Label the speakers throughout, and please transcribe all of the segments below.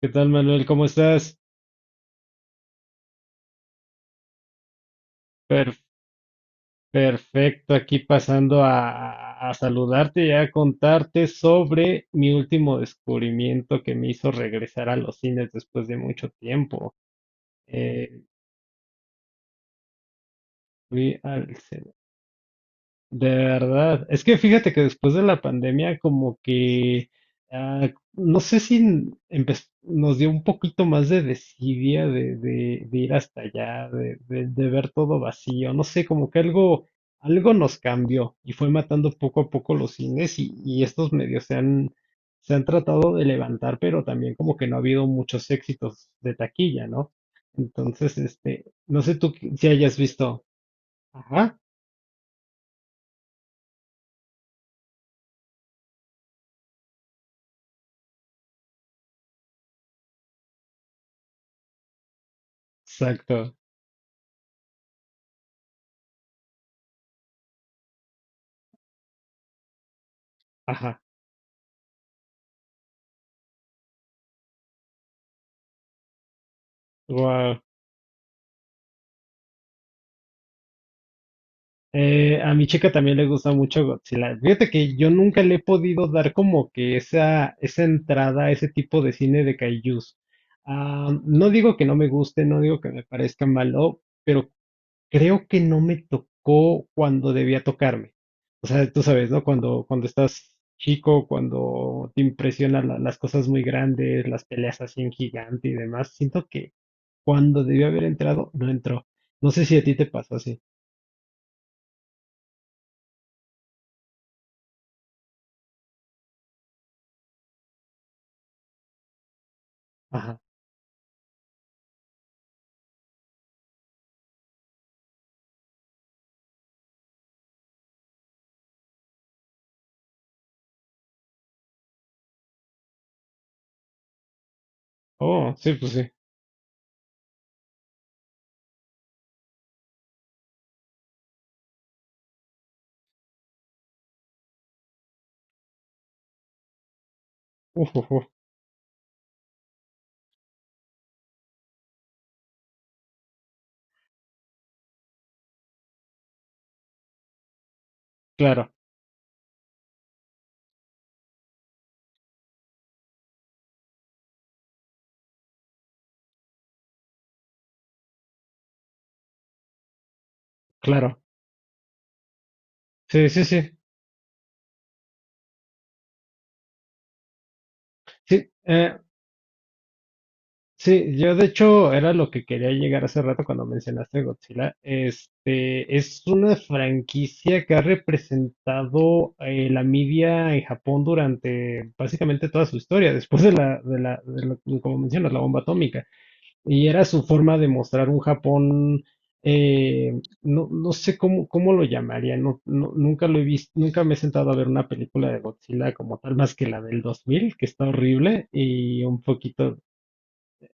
Speaker 1: ¿Qué tal, Manuel? ¿Cómo estás? Per- perfecto, aquí pasando a saludarte y a contarte sobre mi último descubrimiento que me hizo regresar a los cines después de mucho tiempo. Eh, Fui al cine. De verdad, es que fíjate que después de la pandemia como que, no sé si nos dio un poquito más de desidia de ir hasta allá, de ver todo vacío, no sé, como que algo, algo nos cambió y fue matando poco a poco los cines y estos medios se han tratado de levantar, pero también como que no ha habido muchos éxitos de taquilla, ¿no? Entonces, este, no sé tú si hayas visto. Ajá, exacto. Ajá. Wow. A mi chica también le gusta mucho Godzilla. Fíjate que yo nunca le he podido dar como que esa entrada a ese tipo de cine de kaijus. Ah, no digo que no me guste, no digo que me parezca malo, pero creo que no me tocó cuando debía tocarme. O sea, tú sabes, ¿no? Cuando, cuando estás chico, cuando te impresionan las cosas muy grandes, las peleas así en gigante y demás, siento que cuando debía haber entrado, no entró. No sé si a ti te pasó así. Ajá. Oh, sí, pues sí. Uf, uf, uf. Claro, claro. Sí, sí, sí. Sí, sí, yo de hecho era lo que quería llegar hace rato cuando mencionaste Godzilla. Este es una franquicia que ha representado la media en Japón durante básicamente toda su historia, después de la como mencionas, la bomba atómica. Y era su forma de mostrar un Japón, no, no sé cómo, cómo lo llamaría, no, nunca lo he visto, nunca me he sentado a ver una película de Godzilla como tal, más que la del 2000, que está horrible, y un poquito.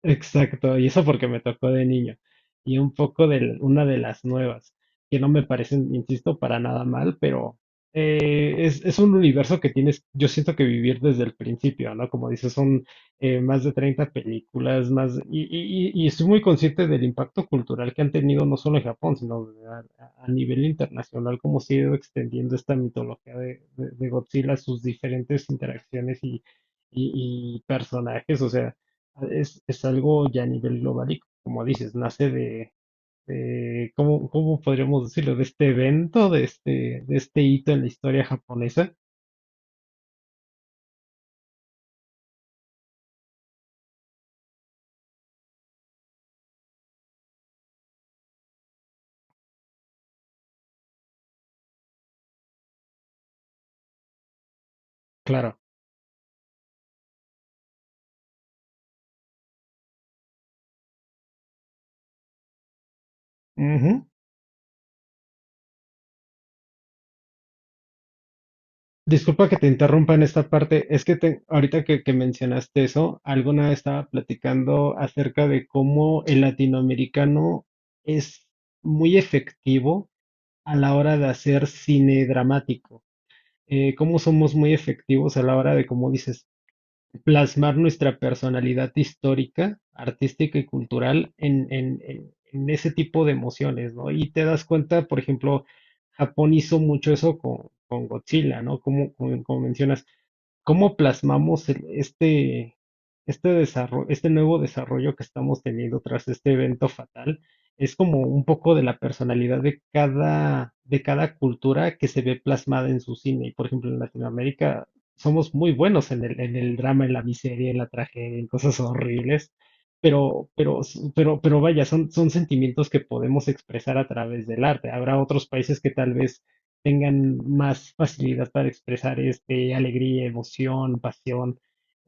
Speaker 1: Exacto, y eso porque me tocó de niño. Y un poco de una de las nuevas, que no me parecen, insisto, para nada mal, pero es un universo que tienes, yo siento que vivir desde el principio, ¿no? Como dices, son más de 30 películas, más, y, y estoy muy consciente del impacto cultural que han tenido no solo en Japón, sino a nivel internacional, cómo se ha ido extendiendo esta mitología de, de Godzilla, sus diferentes interacciones y, y personajes, o sea es algo ya a nivel global y como dices, nace de, ¿cómo, cómo podríamos decirlo? De este evento, de este hito en la historia japonesa. Claro. Ujú. Disculpa que te interrumpa en esta parte. Es que ahorita que mencionaste eso, alguna vez estaba platicando acerca de cómo el latinoamericano es muy efectivo a la hora de hacer cine dramático. Cómo somos muy efectivos a la hora de, como dices, plasmar nuestra personalidad histórica, artística y cultural en, en ese tipo de emociones, ¿no? Y te das cuenta, por ejemplo, Japón hizo mucho eso con Godzilla, ¿no? Como, como, como mencionas cómo plasmamos este desarrollo, este nuevo desarrollo que estamos teniendo tras este evento fatal, es como un poco de la personalidad de cada cultura que se ve plasmada en su cine. Y por ejemplo, en Latinoamérica somos muy buenos en el drama, en la miseria, en la tragedia, en cosas horribles. Pero, pero vaya, son, son sentimientos que podemos expresar a través del arte. Habrá otros países que tal vez tengan más facilidad para expresar este, alegría, emoción, pasión,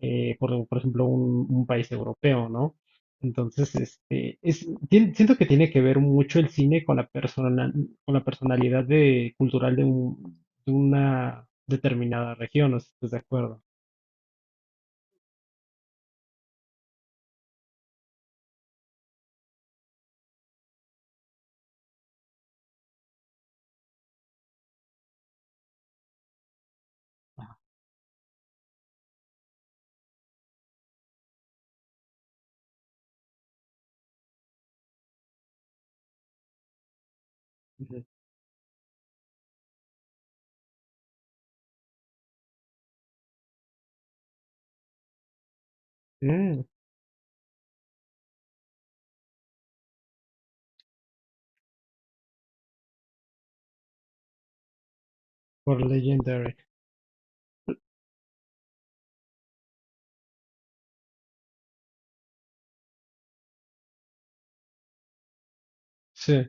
Speaker 1: por ejemplo, un país europeo, ¿no? Entonces, este, siento que tiene que ver mucho el cine con la persona, con la personalidad de, cultural de, de una determinada región, no sé si estás de acuerdo. Ujú. Mm. Por Legendary. Sí.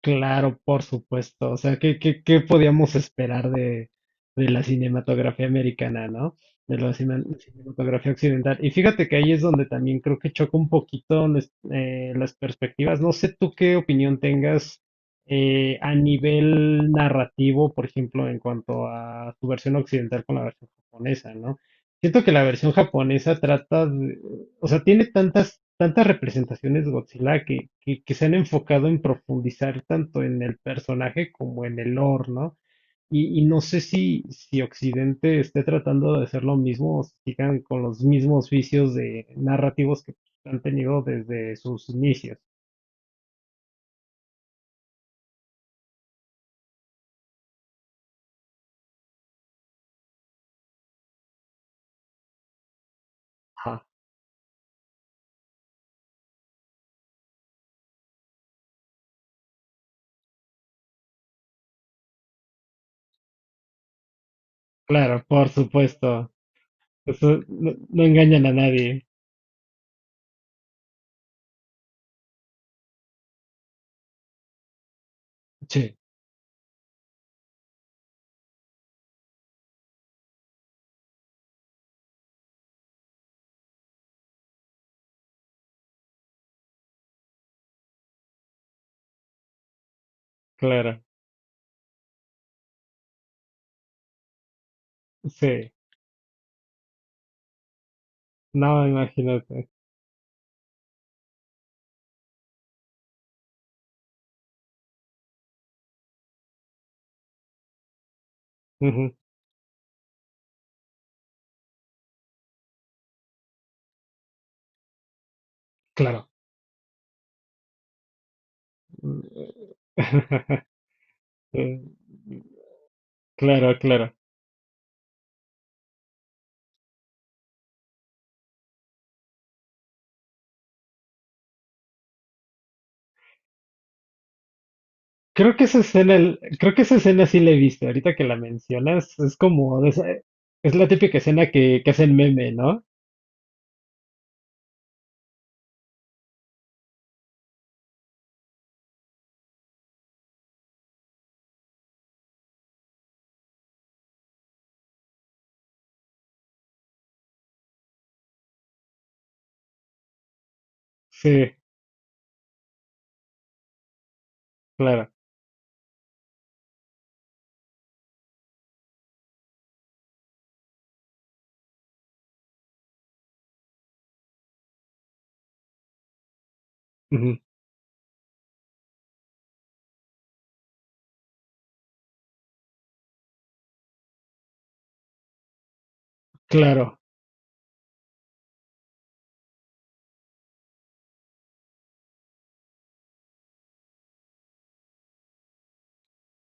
Speaker 1: Claro, por supuesto. O sea, ¿qué, qué, qué podíamos esperar de la cinematografía americana, ¿no? De la cinematografía occidental. Y fíjate que ahí es donde también creo que choca un poquito las perspectivas. No sé tú qué opinión tengas a nivel narrativo, por ejemplo, en cuanto a su versión occidental con la versión japonesa, ¿no? Siento que la versión japonesa trata o sea, tiene tantas, tantas representaciones Godzilla que se han enfocado en profundizar tanto en el personaje como en el lore, ¿no? Y no sé si, si Occidente esté tratando de hacer lo mismo o si sigan con los mismos vicios de narrativos que han tenido desde sus inicios. Ajá. Claro, por supuesto. Eso no, no engañan a nadie. Sí, claro. Sí. No, imagínate. Ujú. Claro. Mm, eh, Claro, claro. Creo que esa escena, creo que esa escena sí la he visto. Ahorita que la mencionas, es como de es la típica escena que hacen meme, ¿no? Sí, claro. Ujú, claro.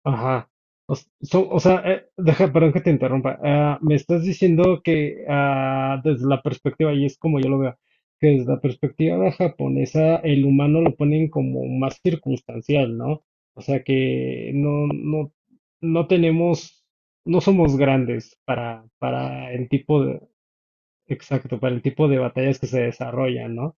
Speaker 1: Ajá. O sea, deja, perdón que te interrumpa. Me estás diciendo que desde la perspectiva, y es como yo lo veo, que desde la perspectiva japonesa el humano lo ponen como más circunstancial, ¿no? O sea que no, no, no tenemos, no somos grandes para el tipo de, exacto, para el tipo de batallas que se desarrollan, ¿no?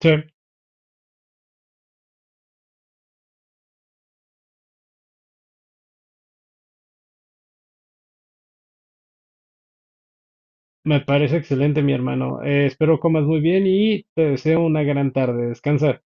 Speaker 1: Sí, me parece excelente, mi hermano. Espero comas muy bien y te deseo una gran tarde. Descansa.